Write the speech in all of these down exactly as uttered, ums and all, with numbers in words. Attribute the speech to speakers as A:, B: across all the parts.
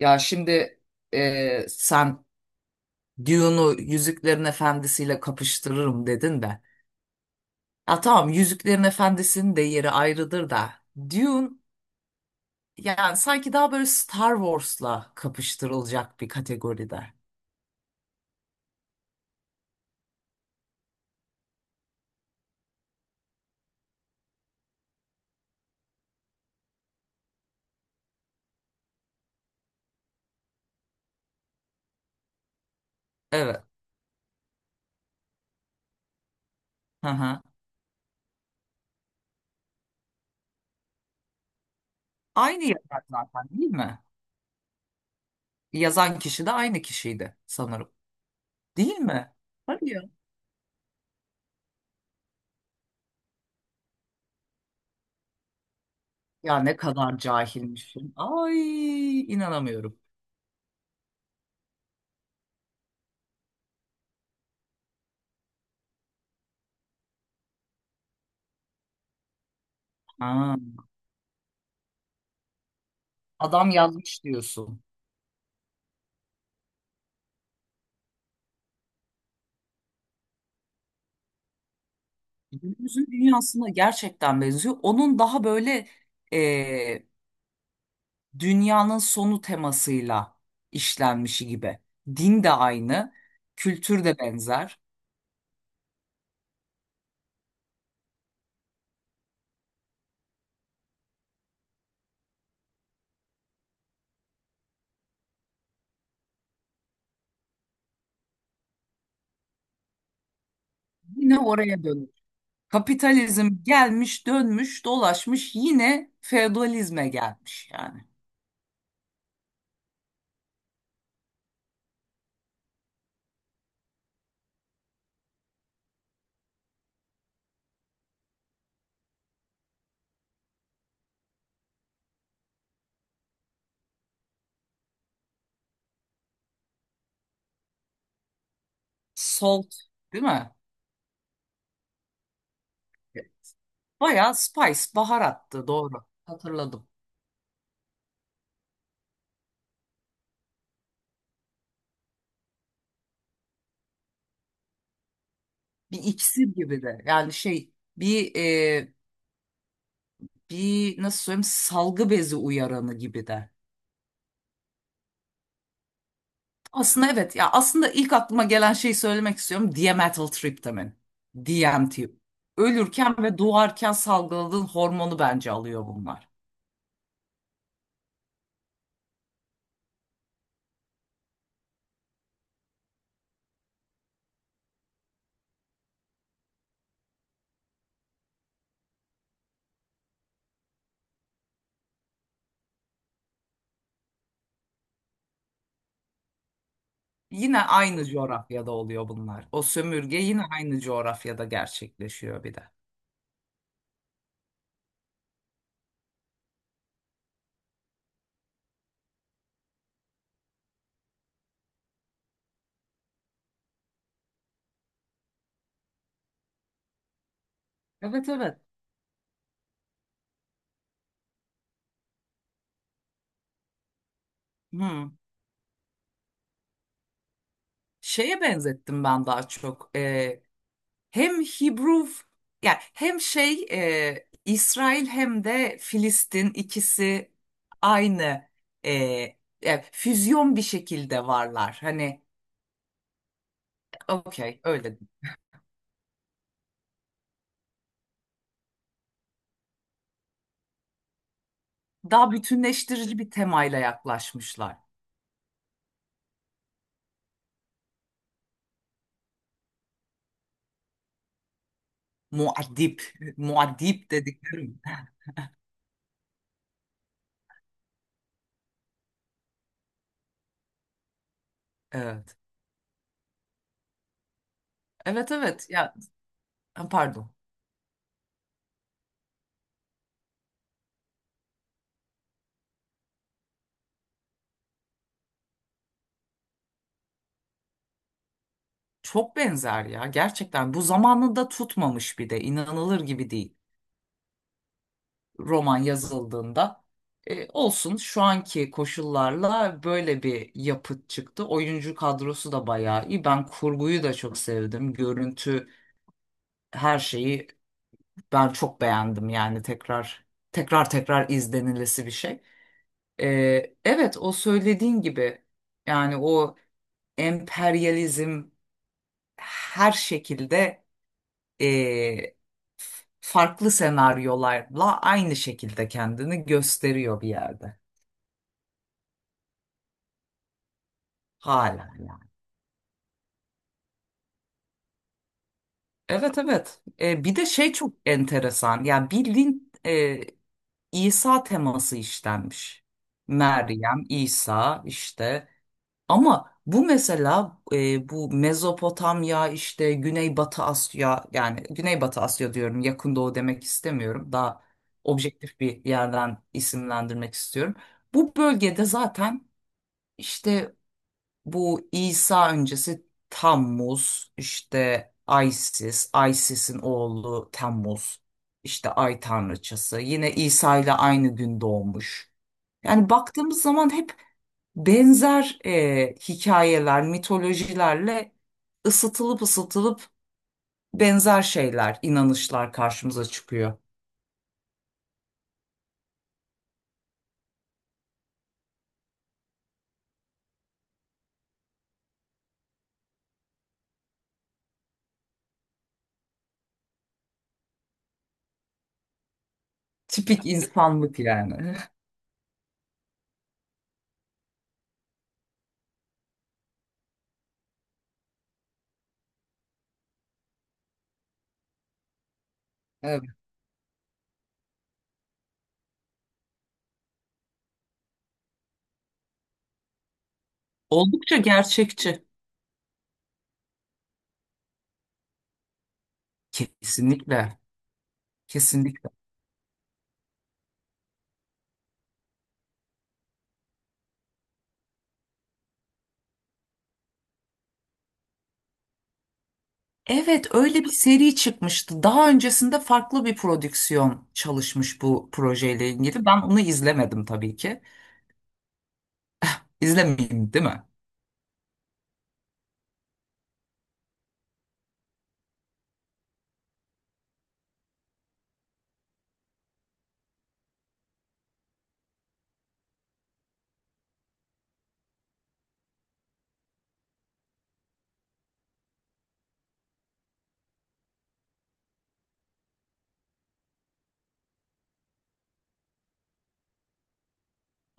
A: Ya şimdi e, sen Dune'u Yüzüklerin Efendisi'yle kapıştırırım dedin de. Ya tamam Yüzüklerin Efendisi'nin de yeri ayrıdır da. Dune yani sanki daha böyle Star Wars'la kapıştırılacak bir kategoride. Evet. Hı hı. Aynı yazar zaten değil mi? Yazan kişi de aynı kişiydi sanırım. Değil mi? Hayır. Ya ne kadar cahilmişim. Ay inanamıyorum. Ha, adam yazmış diyorsun. Günümüzün dünyasına gerçekten benziyor. Onun daha böyle e, dünyanın sonu temasıyla işlenmişi gibi. Din de aynı, kültür de benzer. Yine oraya dönüyor. Kapitalizm gelmiş, dönmüş, dolaşmış yine feodalizme gelmiş yani. Salt, değil mi? Bayağı spice, baharattı doğru. Hatırladım. Bir iksir gibi de yani şey bir e, bir nasıl söyleyeyim salgı bezi uyaranı gibi de. Aslında evet ya aslında ilk aklıma gelen şeyi söylemek istiyorum. Diametyl triptamin. D M T. Ölürken ve doğarken salgıladığın hormonu bence alıyor bunlar. Yine aynı coğrafyada oluyor bunlar. O sömürge yine aynı coğrafyada gerçekleşiyor bir de. Evet, evet. Hmm. Şeye benzettim ben daha çok. Hem Hebrew yani hem şey e, İsrail hem de Filistin ikisi aynı e, e, füzyon bir şekilde varlar. Hani okey öyle. Daha bütünleştirici bir temayla yaklaşmışlar. Muad'dib, Muad'dib dedikleri mi? Evet. Evet, evet ya, ha, pardon. Çok benzer ya gerçekten bu zamanında tutmamış bir de inanılır gibi değil. Roman yazıldığında. E, olsun şu anki koşullarla böyle bir yapıt çıktı. Oyuncu kadrosu da bayağı iyi. Ben kurguyu da çok sevdim. Görüntü, her şeyi ben çok beğendim yani tekrar tekrar tekrar izlenilesi bir şey. E, evet, o söylediğin gibi yani o emperyalizm her şekilde e, farklı senaryolarla aynı şekilde kendini gösteriyor bir yerde. Hala yani. Evet, evet. E, bir de şey çok enteresan. Yani bildiğin e, İsa teması işlenmiş. Meryem, İsa işte. Ama bu mesela e, bu Mezopotamya işte Güneybatı Asya yani Güneybatı Asya diyorum yakın doğu demek istemiyorum. Daha objektif bir yerden isimlendirmek istiyorum. Bu bölgede zaten işte bu İsa öncesi Tammuz, işte Isis, Isis'in oğlu Temmuz, işte Ay Tanrıçası. Yine İsa ile aynı gün doğmuş. Yani baktığımız zaman hep benzer e, hikayeler, mitolojilerle ısıtılıp ısıtılıp benzer şeyler, inanışlar karşımıza çıkıyor. Tipik insanlık yani. Evet. Oldukça gerçekçi. Kesinlikle. Kesinlikle. Evet, öyle bir seri çıkmıştı. Daha öncesinde farklı bir prodüksiyon çalışmış bu projeyle ilgili. Ben onu izlemedim tabii ki. İzlemeyeyim, değil mi?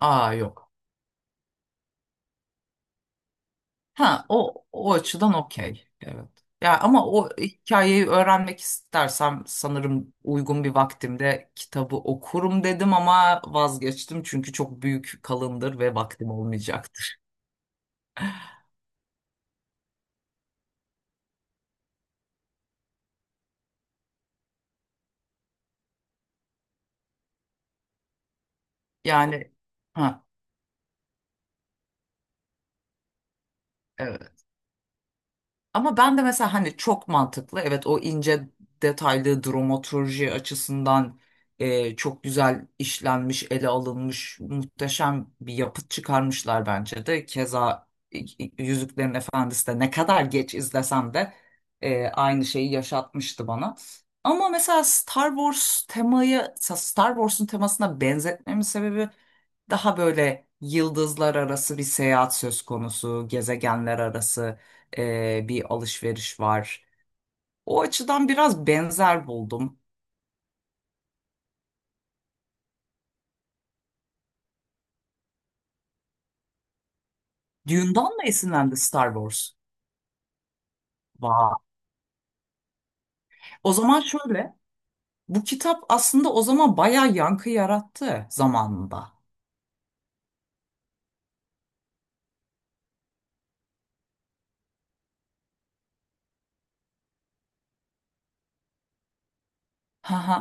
A: Aa yok. Ha, o o açıdan okey. Evet. Ya ama o hikayeyi öğrenmek istersem sanırım uygun bir vaktimde kitabı okurum dedim ama vazgeçtim çünkü çok büyük kalındır ve vaktim olmayacaktır. Yani ha evet. Ama ben de mesela hani çok mantıklı. Evet o ince detaylı dramaturji açısından e, çok güzel işlenmiş, ele alınmış, muhteşem bir yapıt çıkarmışlar bence de. Keza e, Yüzüklerin Efendisi de ne kadar geç izlesem de e, aynı şeyi yaşatmıştı bana. Ama mesela Star Wars temayı, Star Wars'un temasına benzetmemin sebebi daha böyle yıldızlar arası bir seyahat söz konusu, gezegenler arası e, bir alışveriş var. O açıdan biraz benzer buldum. Dune'dan mı esinlendi Star Wars? Vay. O zaman şöyle, bu kitap aslında o zaman bayağı yankı yarattı zamanında. Ha ha.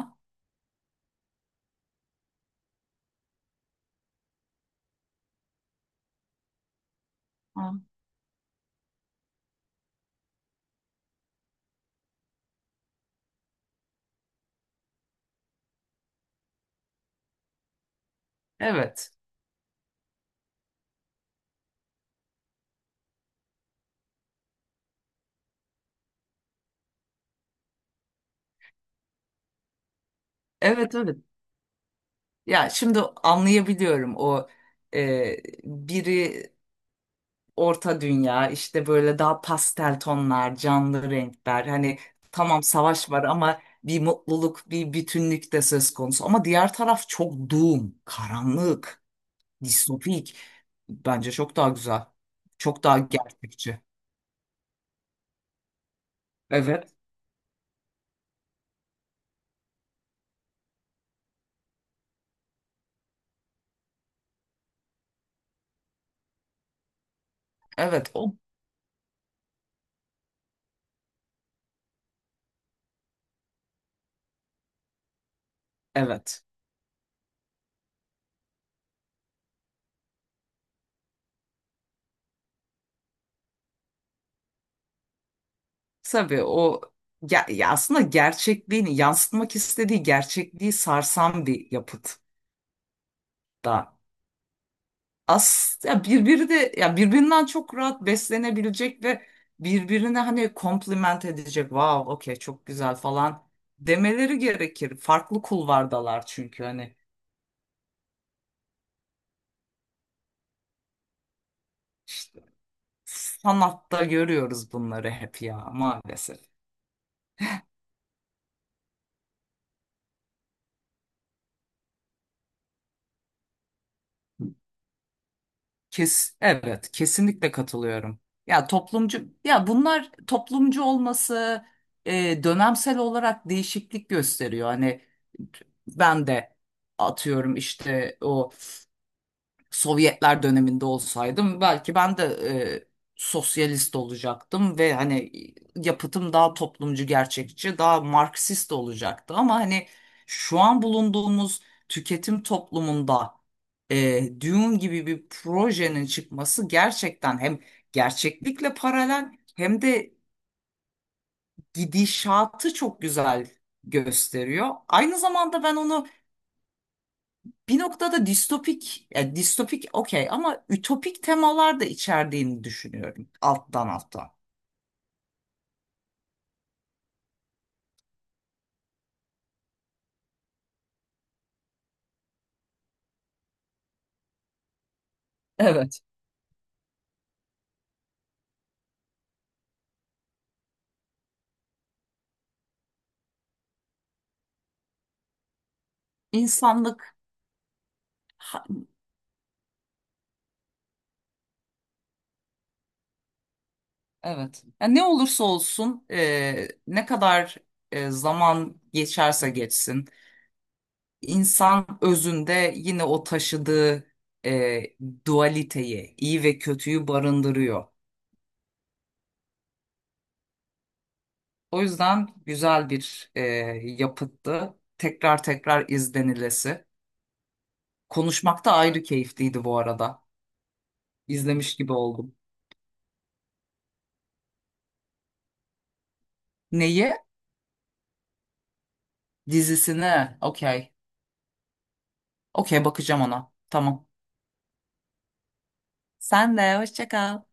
A: Ha. Evet. Evet, evet. Ya şimdi anlayabiliyorum o e, biri orta dünya işte böyle daha pastel tonlar, canlı renkler. Hani tamam savaş var ama bir mutluluk, bir bütünlük de söz konusu. Ama diğer taraf çok doom, karanlık, distopik. Bence çok daha güzel. Çok daha gerçekçi. Evet. Evet o evet. Tabii o ya, ya aslında gerçekliğini yansıtmak istediği gerçekliği sarsan bir yapıt da. As ya birbiri de ya birbirinden çok rahat beslenebilecek ve birbirine hani kompliment edecek. Wow, okey çok güzel falan demeleri gerekir. Farklı kulvardalar çünkü hani işte sanatta görüyoruz bunları hep ya maalesef. Kes, evet kesinlikle katılıyorum. Ya toplumcu ya bunlar toplumcu olması e, dönemsel olarak değişiklik gösteriyor. Hani ben de atıyorum işte o Sovyetler döneminde olsaydım belki ben de e, sosyalist olacaktım ve hani yapıtım daha toplumcu, gerçekçi, daha Marksist olacaktı. Ama hani şu an bulunduğumuz tüketim toplumunda e, Dune gibi bir projenin çıkması gerçekten hem gerçeklikle paralel hem de gidişatı çok güzel gösteriyor. Aynı zamanda ben onu bir noktada distopik, ya distopik okey ama ütopik temalar da içerdiğini düşünüyorum alttan alttan. Evet, İnsanlık ha- evet. Yani ne olursa olsun e, ne kadar e, zaman geçerse geçsin insan özünde yine o taşıdığı e, dualiteyi, iyi ve kötüyü barındırıyor. O yüzden güzel bir e, yapıttı. Tekrar tekrar izlenilesi. Konuşmak da ayrı keyifliydi bu arada. İzlemiş gibi oldum. Neyi? Dizisini. Okey. Okey, bakacağım ona. Tamam. Sen de hoşça kal.